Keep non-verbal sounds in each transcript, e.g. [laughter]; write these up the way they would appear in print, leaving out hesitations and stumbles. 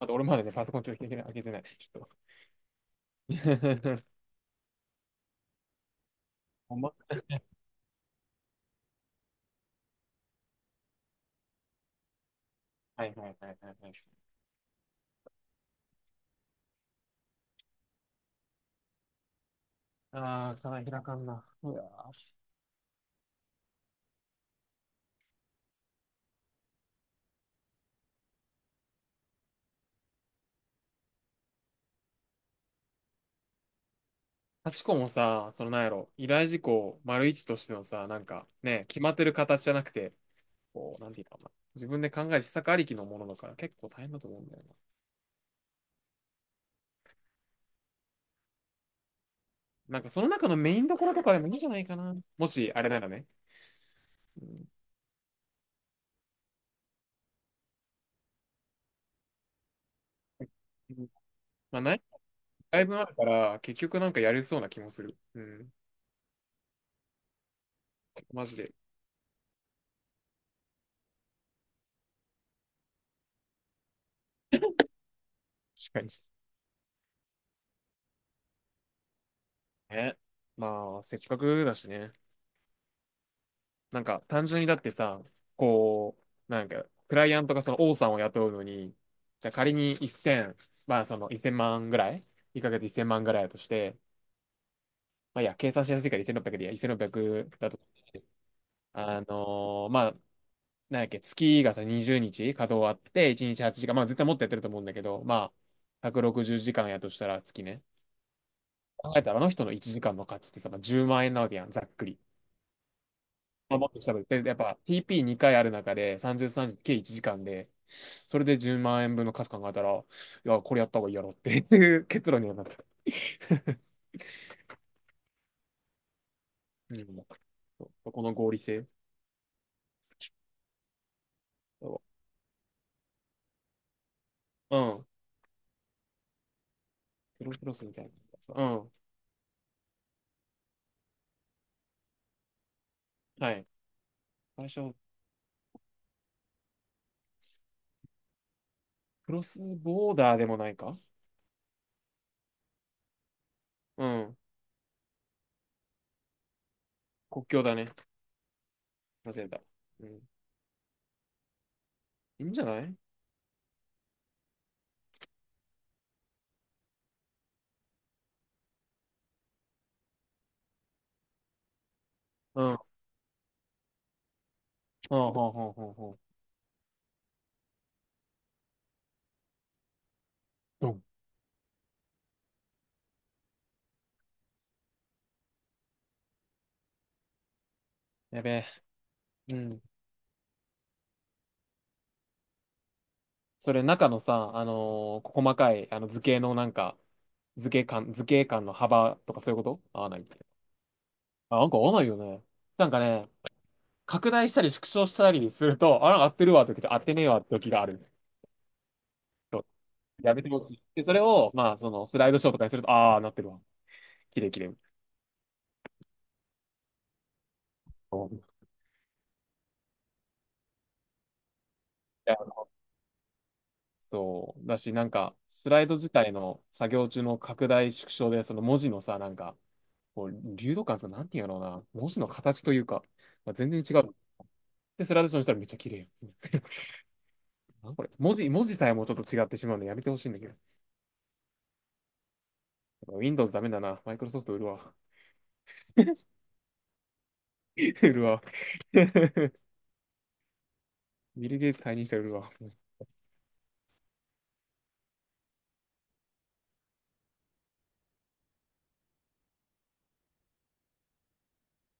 あと俺まだね、パソコンちょっと開けてない。ちょっと。[laughs] ほんま、はいはいはいはいはい。ああ、課題開かんな。うわー、ハチコもさ、そのなんやろ、依頼事項丸一としてのさ、なんかね、決まってる形じゃなくて、こう、なんていうのかな。自分で考える施策ありきのものだから結構大変だと思うんだよな。なんかその中のメインどころとかでもいいんじゃないかな。もし、あれならね。うん、まあ、ない、だいぶあるから、結局なんかやれそうな気もする。うん。マジで。確かに。ね、まあ、せっかくだしね。なんか、単純にだってさ、こう、なんか、クライアントがその王さんを雇うのに、じゃあ仮に1000、まあ、その1000万ぐらい？ 1 ヶ月1000万ぐらいだとして、まあ、いいや、計算しやすいから1600でいいや、1600だと、あのまあ、なんやっけ、月がさ、20日稼働あって、1日8時間、まあ、絶対もっとやってると思うんだけど、まあ、160時間やとしたら月ね。考えたら、あの人の1時間の価値ってさ、まあ、10万円なわけやん、ざっくり。まあ、もっとしたぶで、やっぱ TP2 回ある中で30、30、30計1時間で、それで10万円分の価値考えたら、いや、これやった方がいいやろっていう結論にはなった。[laughs] うん、そうこの合理性。そう、うん。クロスクロスみたいな。うん。はい。最初、クロスボーダーでもないか。うん。国境だね。間違えた。うん。いいんじゃない。うん。ほうほうほうほうほう。ドン。やべえ。うん。それ中のさ、細かいあの図形のなんか、図形間の幅とかそういうこと合わないって。あ、なんか合わないよね。なんかね、拡大したり縮小したりすると、あ、なんか合ってるわって時と合ってねえわって時がある。そう、やめてほしい。で、それを、まあ、その、スライドショーとかにすると、ああ、なってるわ。綺麗綺麗。そういや、そうだし、なんか、スライド自体の作業中の拡大縮小で、その文字のさ、なんか、こう、流動感さ、なんていうんやろうな、文字の形というか、まあ、全然違う。で、スライドショーにしたらめっちゃ綺麗やん。なんこれ。文字さえもちょっと違ってしまうのやめてほしいんだけど。Windows ダメだな。マイクロソフト売るわ。[laughs] 売るわ。[laughs] ビル・ゲイツ退任したら売るわ。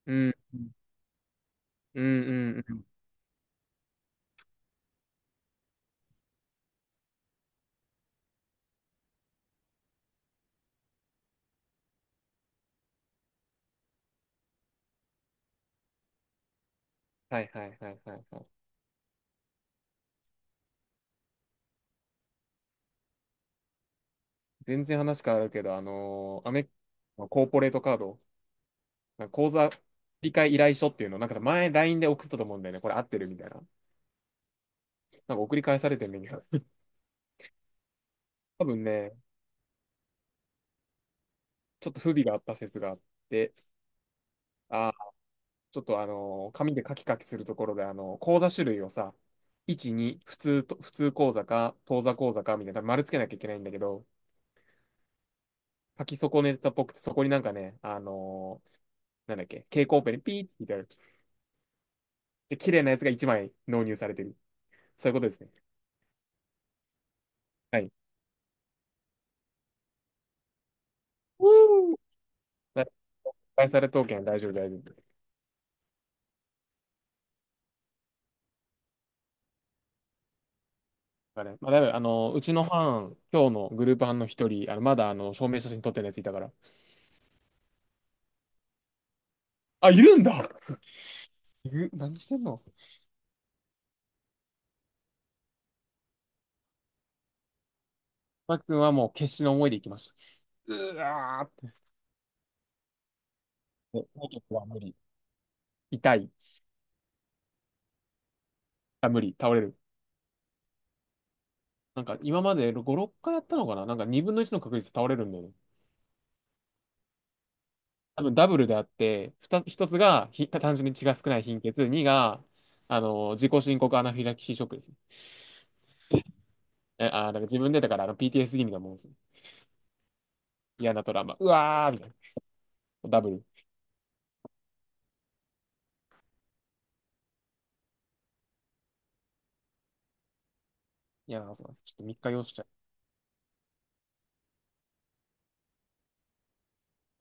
うん。うん。うん。うん、はいはいはいはいはい。全然話変わるけど、あのーアメ、コーポレートカード、なんか口座理解依頼書っていうの、なんか前 LINE で送ったと思うんだよね。これ合ってるみたいな。なんか送り返されてるんだけど。[laughs] 多分ね、ちょっと不備があった説があって、あーちょっとあの、紙でカキカキするところで、あの、口座種類をさ、1、2、普通と、普通口座か、当座口座か、みたいな、丸つけなきゃいけないんだけど、書き損ねたっぽくて、そこになんかね、なんだっけ、蛍光ペンでピーってみたいな。で、綺麗なやつが1枚納入されてる。そういうことですね。はい。うん、だ、返され刀剣大丈夫、大丈夫。だからね、まあ、だいぶ、あの、うちの班、今日のグループ班の一人、あの、まだ、あの、証明写真撮ってるやついたから。あ、いるんだ。 [laughs] いる、何してんの。マーク君はもう決死の思いで行きました。うわーって、もうは無理。痛い。あ、無理。倒れる。なんか今まで5、6回やったのかな、なんか2分の1の確率で倒れるんだよね。多分ダブルであって、ふた1つがひ単純に血が少ない貧血、2が、あの、自己申告アナフィラキシーショックですね。え、だから自分でだからあの PTSD みたいなもんですね。嫌なトラウマ。うわーみたいな。ダブル。いやー、そうちょっと3日用意しちゃう。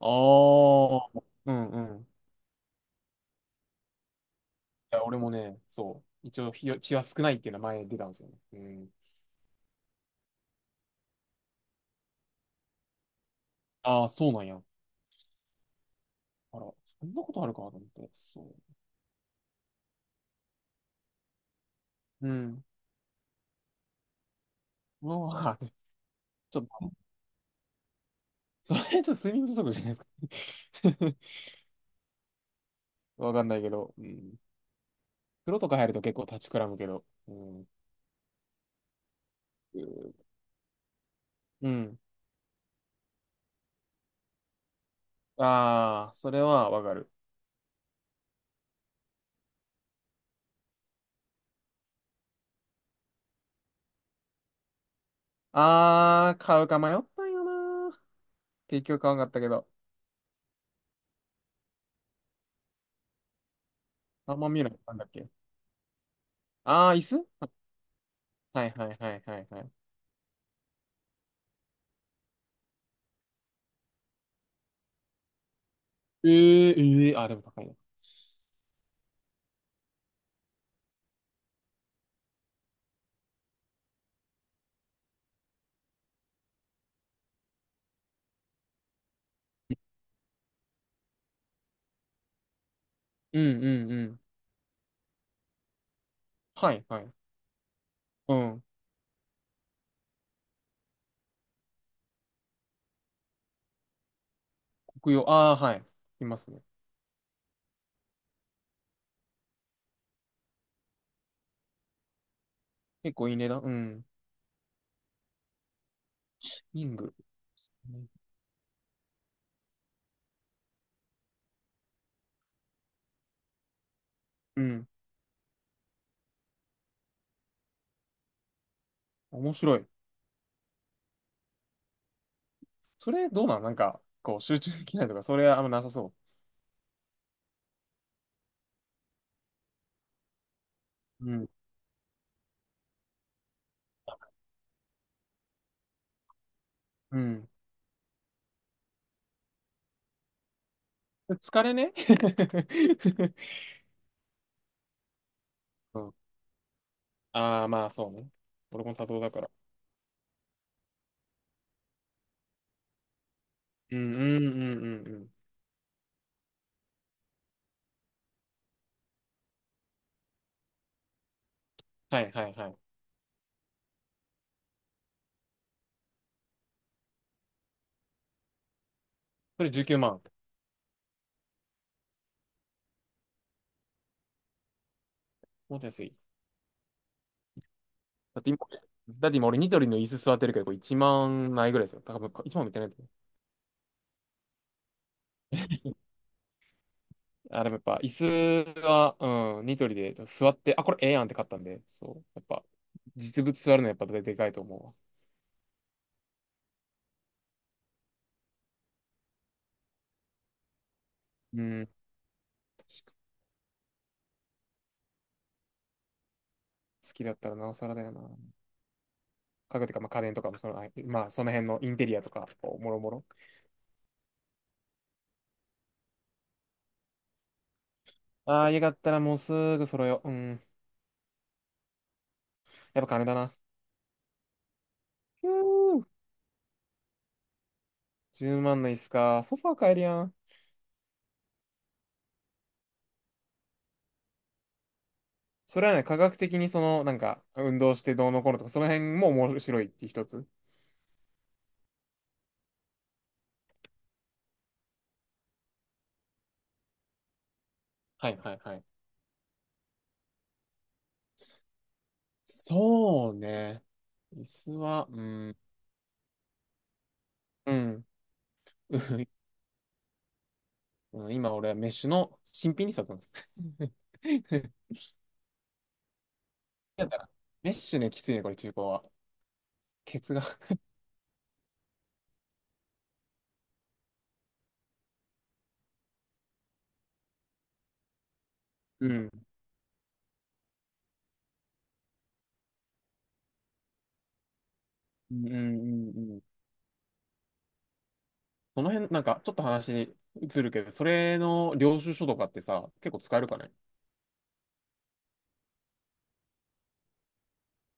ああ、うんうん。いや、俺もね、そう。一応、ひよ血は少ないっていうのは前出たんですよね。うん。ああ、そうなんや。あら、そんなことあるかと思って。そう。うん。もう、は。 [laughs] ちょっと、それちょっと睡眠不足じゃないですか。[laughs] わかんないけど、うん。風呂とか入ると結構立ちくらむけど。うん。うん。ああ、それはわかる。ああ、買うか迷ったんよな。結局買わなかったけど。あんま見ない。なんだっけ。ああ、椅子、はいはいはいはいはい。ええええ、あ、でも高いな。うんうんうん。はいはい。うん。国用。ああ、はい。いますね。結構いい値段。うん。リング。うん。面白い。それどうなんなんか、こう、集中できないとか、それはあんまなさそう。うん。うん。疲れね。 [laughs] うん。ああ、まあそうね。俺も多動だから。うん、うん、うん、うん、うん。はいはいはい。それ19万。もっと安い。だって今、だって今、俺ニトリの椅子座ってるけど、これ1万ないぐらいですよ。多分1万もいってないと思う。あ、でもやっぱ椅子は、うん、ニトリでちょっと座って、あ、これええやんって買ったんで、そう。やっぱ、実物座るのやっぱでかいと思うわ。うん。好きだったらなおさらだよな。家具とか、まあ、家電とかもその、あ、まあ、その辺のインテリアとか、こうもろもろ。ああ、家買ったらもうすぐ揃えよう。うん。やっぱ金だな。ひゅー、10万の椅子か。ソファー買えるやん。それはね、科学的にその、なんか、運動してどうのこうのとか、その辺も面白いって一つ。はいはいはい。そうね。椅子は、うん、うん。[laughs] うん、今俺はメッシュの新品に座ってます。[laughs] だからメッシュね、きついね、これ中古は。ケツが。うん。うんうんうんうん。その辺、なんか、ちょっと話移るけど、それの領収書とかってさ、結構使えるかね